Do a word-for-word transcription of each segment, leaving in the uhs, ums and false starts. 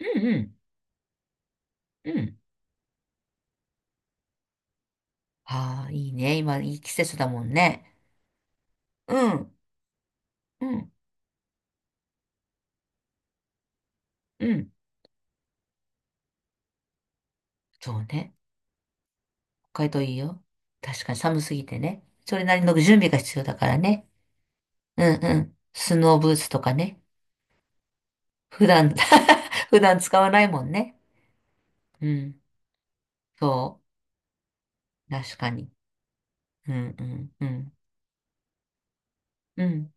うんうんうん。ああ、いいね。今、いい季節だもんね。うん、うん、うん。そうね。北海道いいよ。確かに寒すぎてね。それなりの準備が必要だからね。うんうん。スノーブーツとかね。普段 普段使わないもんね。うん。そう。確かに。うんうんうん。うん。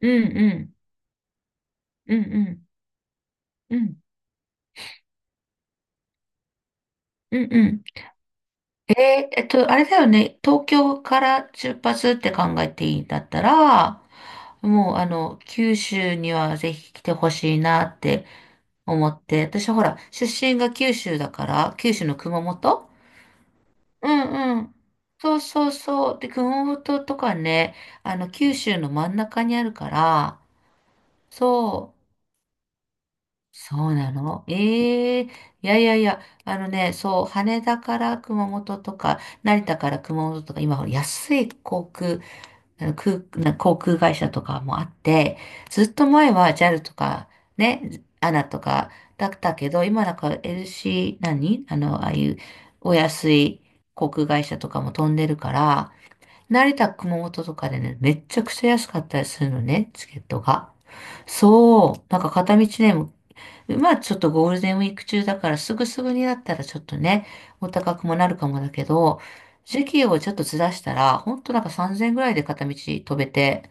うんうん。うんうん。うんうんうんうん。ええっと、あれだよね、東京から出発って考えていいんだったら、もうあの、九州にはぜひ来てほしいなって思って、私ほら、出身が九州だから、九州の熊本。うんうん。そうそうそう。で、熊本とかね、あの、九州の真ん中にあるから、そう。そうなの。ええいやいやいや、あのね、そう、羽田から熊本とか、成田から熊本とか、今、安い航空、あの空、な航空会社とかもあって、ずっと前は ジャル とか、ね、アナ とかだったけど、今なんか エルシー、何あの、ああいうお安い航空会社とかも飛んでるから、成田、熊本とかでね、めっちゃくちゃ安かったりするのね、チケットが。そう。なんか片道ね、まあちょっとゴールデンウィーク中だからすぐすぐになったらちょっとね、お高くもなるかもだけど、時期をちょっとずらしたら、ほんとなんかさんぜんえんぐらいで片道飛べて、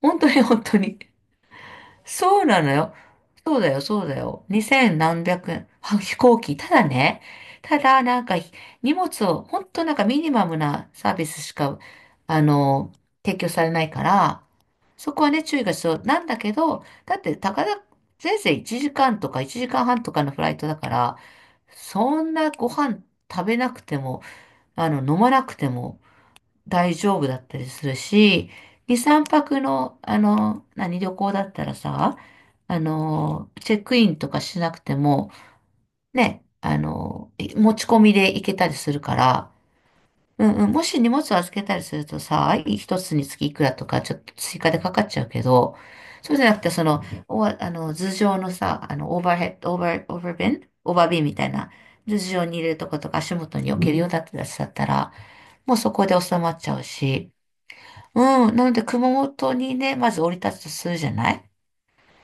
本当に本当にそうなのよ。そうだよ、そうだよ。にせん何百円は飛行機。ただね、ただなんかひ荷物を、ほんとなんかミニマムなサービスしか、あの、提供されないから、そこはね、注意が必要なんだけど、だって、たかだ、せいぜいいちじかんとかいちじかんはんとかのフライトだから、そんなご飯食べなくても、あの、飲まなくても、大丈夫だったりするし、に、さんぱくの、あの、何、旅行だったらさ、あの、チェックインとかしなくても、ね、あの、い持ち込みで行けたりするから、うんうん、もし荷物を預けたりするとさ、一つにつきいくらとか、ちょっと追加でかかっちゃうけど、そうじゃなくて、その、おわあの、頭上のさ、あの、オーバーヘッド、オーバー、オーバーベン、オーバービンみたいな、頭上に入れるとことか足元に置けるようだったら、もうそこで収まっちゃうし、うん。なので、熊本にね、まず降り立つとするじゃない？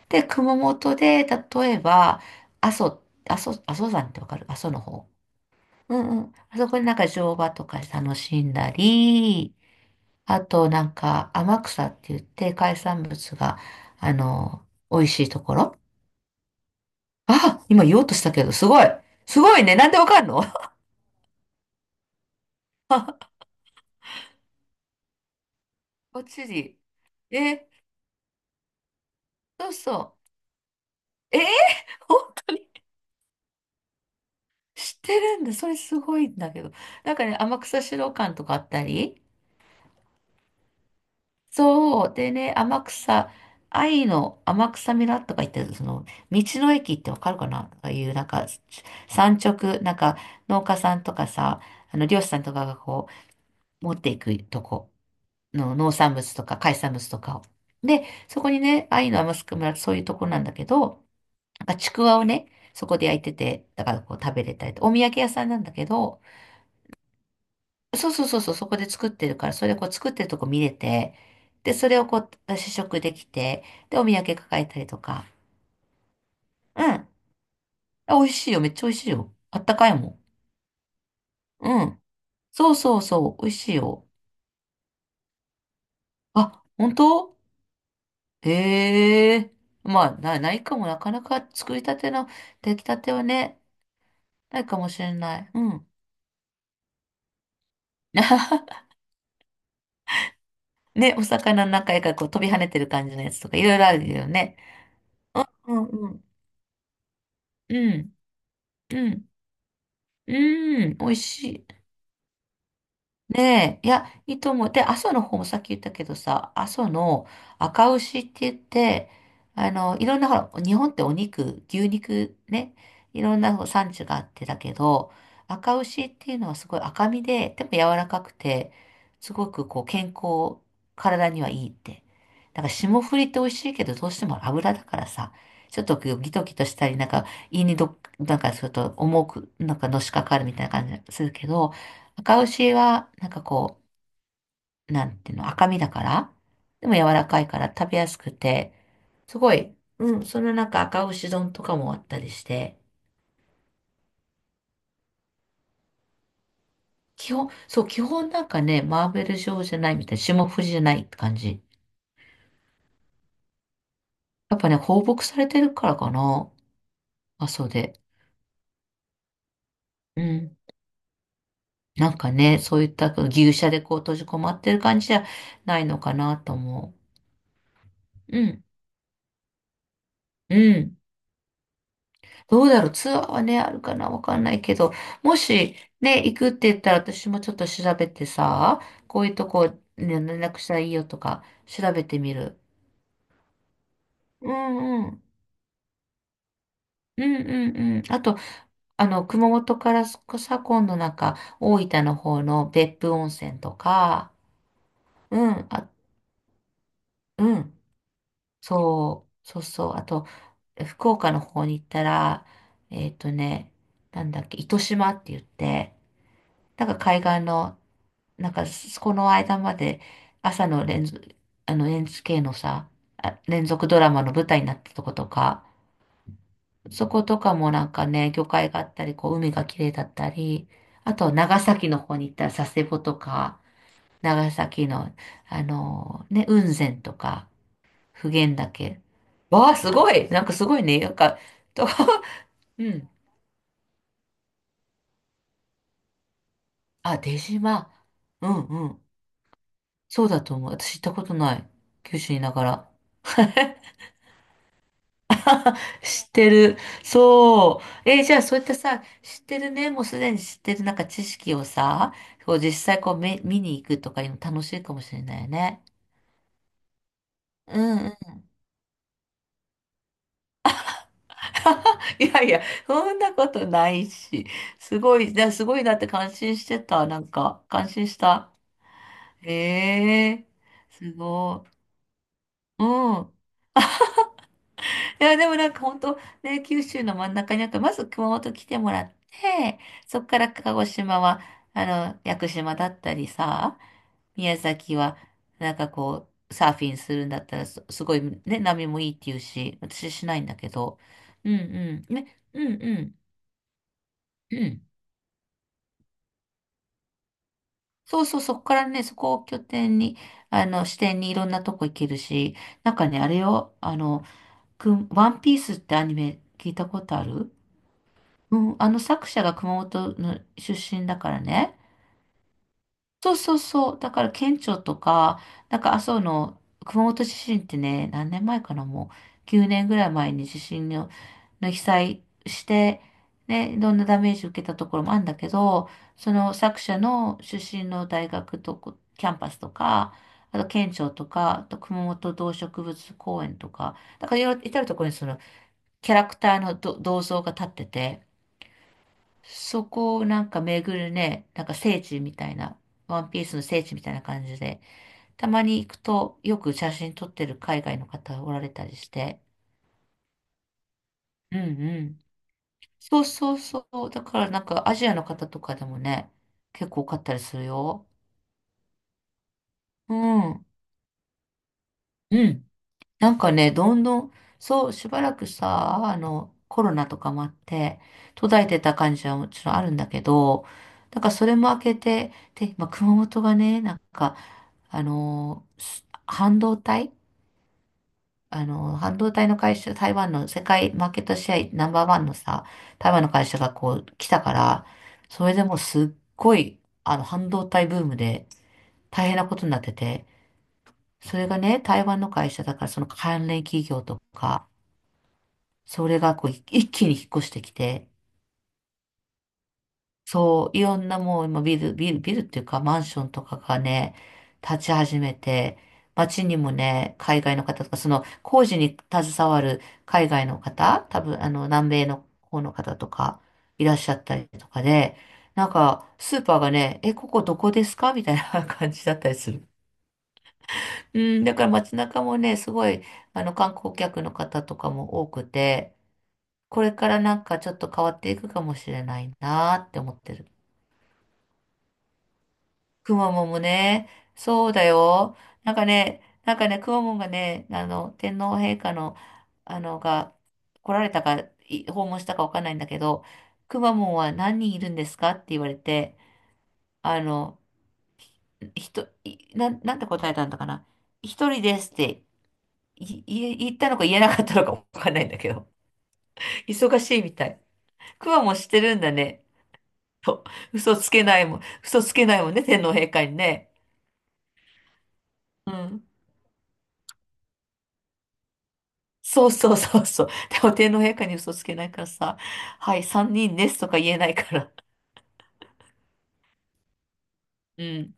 で、熊本で、例えば、阿蘇、阿蘇、阿蘇山ってわかる？阿蘇の方。うんうん。あそこでなんか乗馬とか楽しんだり、あとなんか天草って言って海産物が、あの、美味しいところ。あ、今言おうとしたけど、すごい。すごいね。なんでわかんの？ こっちに。え、そうそう。えー、本当？知ってるんだ。それすごいんだけど。なんかね、天草資料館とかあったり。そう。でね、天草、愛の天草村とか言ってる、その、道の駅ってわかるかなとかいう、なんか、産直、なんか、農家さんとかさ、あの、漁師さんとかがこう、持っていくとこの農産物とか海産物とかを。で、そこにね、愛の天草村ってそういうとこなんだけど、なんかちくわをね、そこで焼いてて、だからこう食べれたりと、お土産屋さんなんだけど、そうそうそうそう、そこで作ってるから、それをこう作ってるとこ見れて、で、それをこう試食できて、で、お土産抱えたりとか。うん。あ、美味しいよ、めっちゃ美味しいよ。あったかいもん。うん。そうそうそう、美味しいよ。あ、本当？へえ。まあ、な、ないかも、なかなか作りたての、出来たてはね、ないかもしれない。うん。ね、お魚の中からこう飛び跳ねてる感じのやつとか、いろいろあるよね。うんうん。うん。うん。うん。美味しい。ねえ、いや、いいと思う。で、阿蘇の方もさっき言ったけどさ、阿蘇の赤牛って言って、あの、いろんな、ほら、日本ってお肉、牛肉ね、いろんな産地があってだけど、赤牛っていうのはすごい赤身で、でも柔らかくて、すごくこう健康、体にはいいって。だから霜降りって美味しいけど、どうしても油だからさ、ちょっとギトギトしたり、なんか胃にどっ、なんかちょっと重く、なんかのしかかるみたいな感じがするけど、赤牛は、なんかこう、なんていうの、赤身だから、でも柔らかいから食べやすくて、すごい、うん、そのなんか赤牛丼とかもあったりして、基本、そう、基本なんかね、マーベル状じゃないみたいな、霜降りじゃないって感じ。やっぱね、放牧されてるからかな、阿蘇で。うん。なんかね、そういった牛舎でこう閉じこまってる感じじゃないのかなと思う。うん、うん。どうだろう。ツアーはね、あるかな。わかんないけど、もしね、行くって言ったら私もちょっと調べてさ、こういうとこ、ね、連絡したらいいよとか、調べてみる。うんうん。うんうんうん。あと、あの、熊本からさ、今度なんか、大分の方の別府温泉とか、うん、あ、うん、そう、そうそう。あと、福岡の方に行ったら、えっとね、なんだっけ、糸島って言って、なんか海岸の、なんかそこの間まで朝の連続、あの エヌエイチケー のさ、あ連続ドラマの舞台になったとことか、そことかもなんかね、魚介があったり、こう海が綺麗だったり、あと長崎の方に行ったら佐世保とか、長崎の、あのね、雲仙とか、普賢岳。わあ、すごいなんかすごいね、なんか、と、うん。あ、出島。うんうん。そうだと思う。私行ったことない。九州にいながら。知ってる。そう。えーじゃあそういったさ、知ってるね、もうすでに知ってるなんか知識をさ、こう実際こうめ見に行くとかいうの楽しいかもしれないよね。うんうん。いやいや、そんなことないし。すごい、だすごいなって感心してた。なんか、感心した。へえ、すごい。うん。いや、でもなんか本当ね、九州の真ん中にあるかまず熊本来てもらって、そっから鹿児島は、あの、屋久島だったりさ、宮崎は、なんかこう、サーフィンするんだったらす、すごいね、波もいいっていうし、私しないんだけど、うんうん、ね、うんうん、うん。そうそう、そこからね、そこを拠点に、あの、視点にいろんなとこ行けるし、なんかね、あれよ、あの、くんワンピースってアニメ聞いたことある？うん、あの作者が熊本の出身だからね。そうそうそう。だから県庁とか、なんか麻生の熊本地震ってね、何年前かな、もうきゅうねんぐらい前に地震の、の被災して、ね、いろんなダメージ受けたところもあるんだけど、その作者の出身の大学とこキャンパスとか、あと県庁とか、あと熊本動植物公園とか、だからいろいろ至るところにそのキャラクターのど銅像が立ってて、そこをなんか巡るね、なんか聖地みたいな、ワンピースの聖地みたいな感じで、たまに行くとよく写真撮ってる海外の方おられたりして。うんうん。そうそうそう。だからなんかアジアの方とかでもね、結構多かったりするよ。うん。うん。なんかね、どんどん、そう、しばらくさ、あの、コロナとかもあって、途絶えてた感じはもちろんあるんだけど、だからそれも明けて、で、まあ、熊本がね、なんか、あのー、す半導体あのー、半導体の会社、台湾の世界マーケットシェアナンバーワンのさ、台湾の会社がこう来たから、それでもうすっごい、あの、半導体ブームで大変なことになってて、それがね、台湾の会社だからその関連企業とか、それがこうい一気に引っ越してきて、そう、いろんなもう今ビル、ビル、ビルっていうかマンションとかがね、立ち始めて、街にもね、海外の方とか、その工事に携わる海外の方、多分あの南米の方の方とかいらっしゃったりとかで、なんかスーパーがね、え、ここどこですかみたいな 感じだったりする。うん、だから街中もね、すごいあの観光客の方とかも多くて、これからなんかちょっと変わっていくかもしれないなーって思ってる。くまモンもね、そうだよ。なんかね、なんかね、くまモンがね、あの、天皇陛下の、あの、が来られたか、い訪問したかわかんないんだけど、くまモンはなんにんいるんですかって言われて、あの、ひと、いなん、なんて答えたんだかな。ひとりですってい、い言ったのか言えなかったのかわかんないんだけど。忙しいみたい。くまモンしてるんだね。嘘つけないもん、嘘つけないもんね、天皇陛下にね。うん。そうそうそうそう。でも天皇陛下に嘘つけないからさ、はい、さんにんですとか言えないから。うん。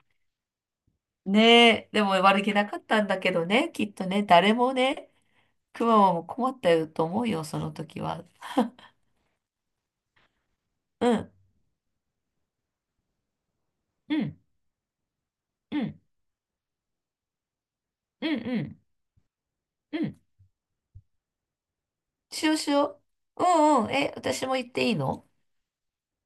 ねえ、でも悪気なかったんだけどね、きっとね、誰もね、くまモも困ったよと思うよ、その時は。うん、うん、うん、うん、うん、うん。しようしよう。うんうん、え、私も言っていいの？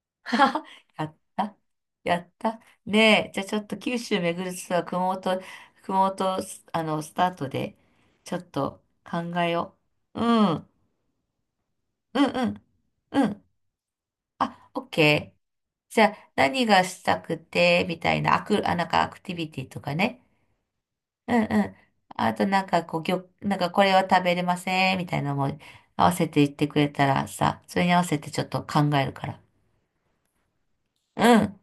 はは。やった。やった。ねえ、じゃあちょっと九州巡るツアー、熊本、熊本、すあの、スタートで、ちょっと考えよう。うん。うんうん。うん。あ、オッケー。じゃあ、何がしたくて、みたいな、アク、あ、なんかアクティビティとかね。うんうん。あとなんかこう、ぎょ、なんかこれは食べれません、みたいなのも合わせて言ってくれたらさ、それに合わせてちょっと考えるから。うん。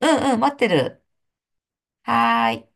うんうん、待ってる。はーい。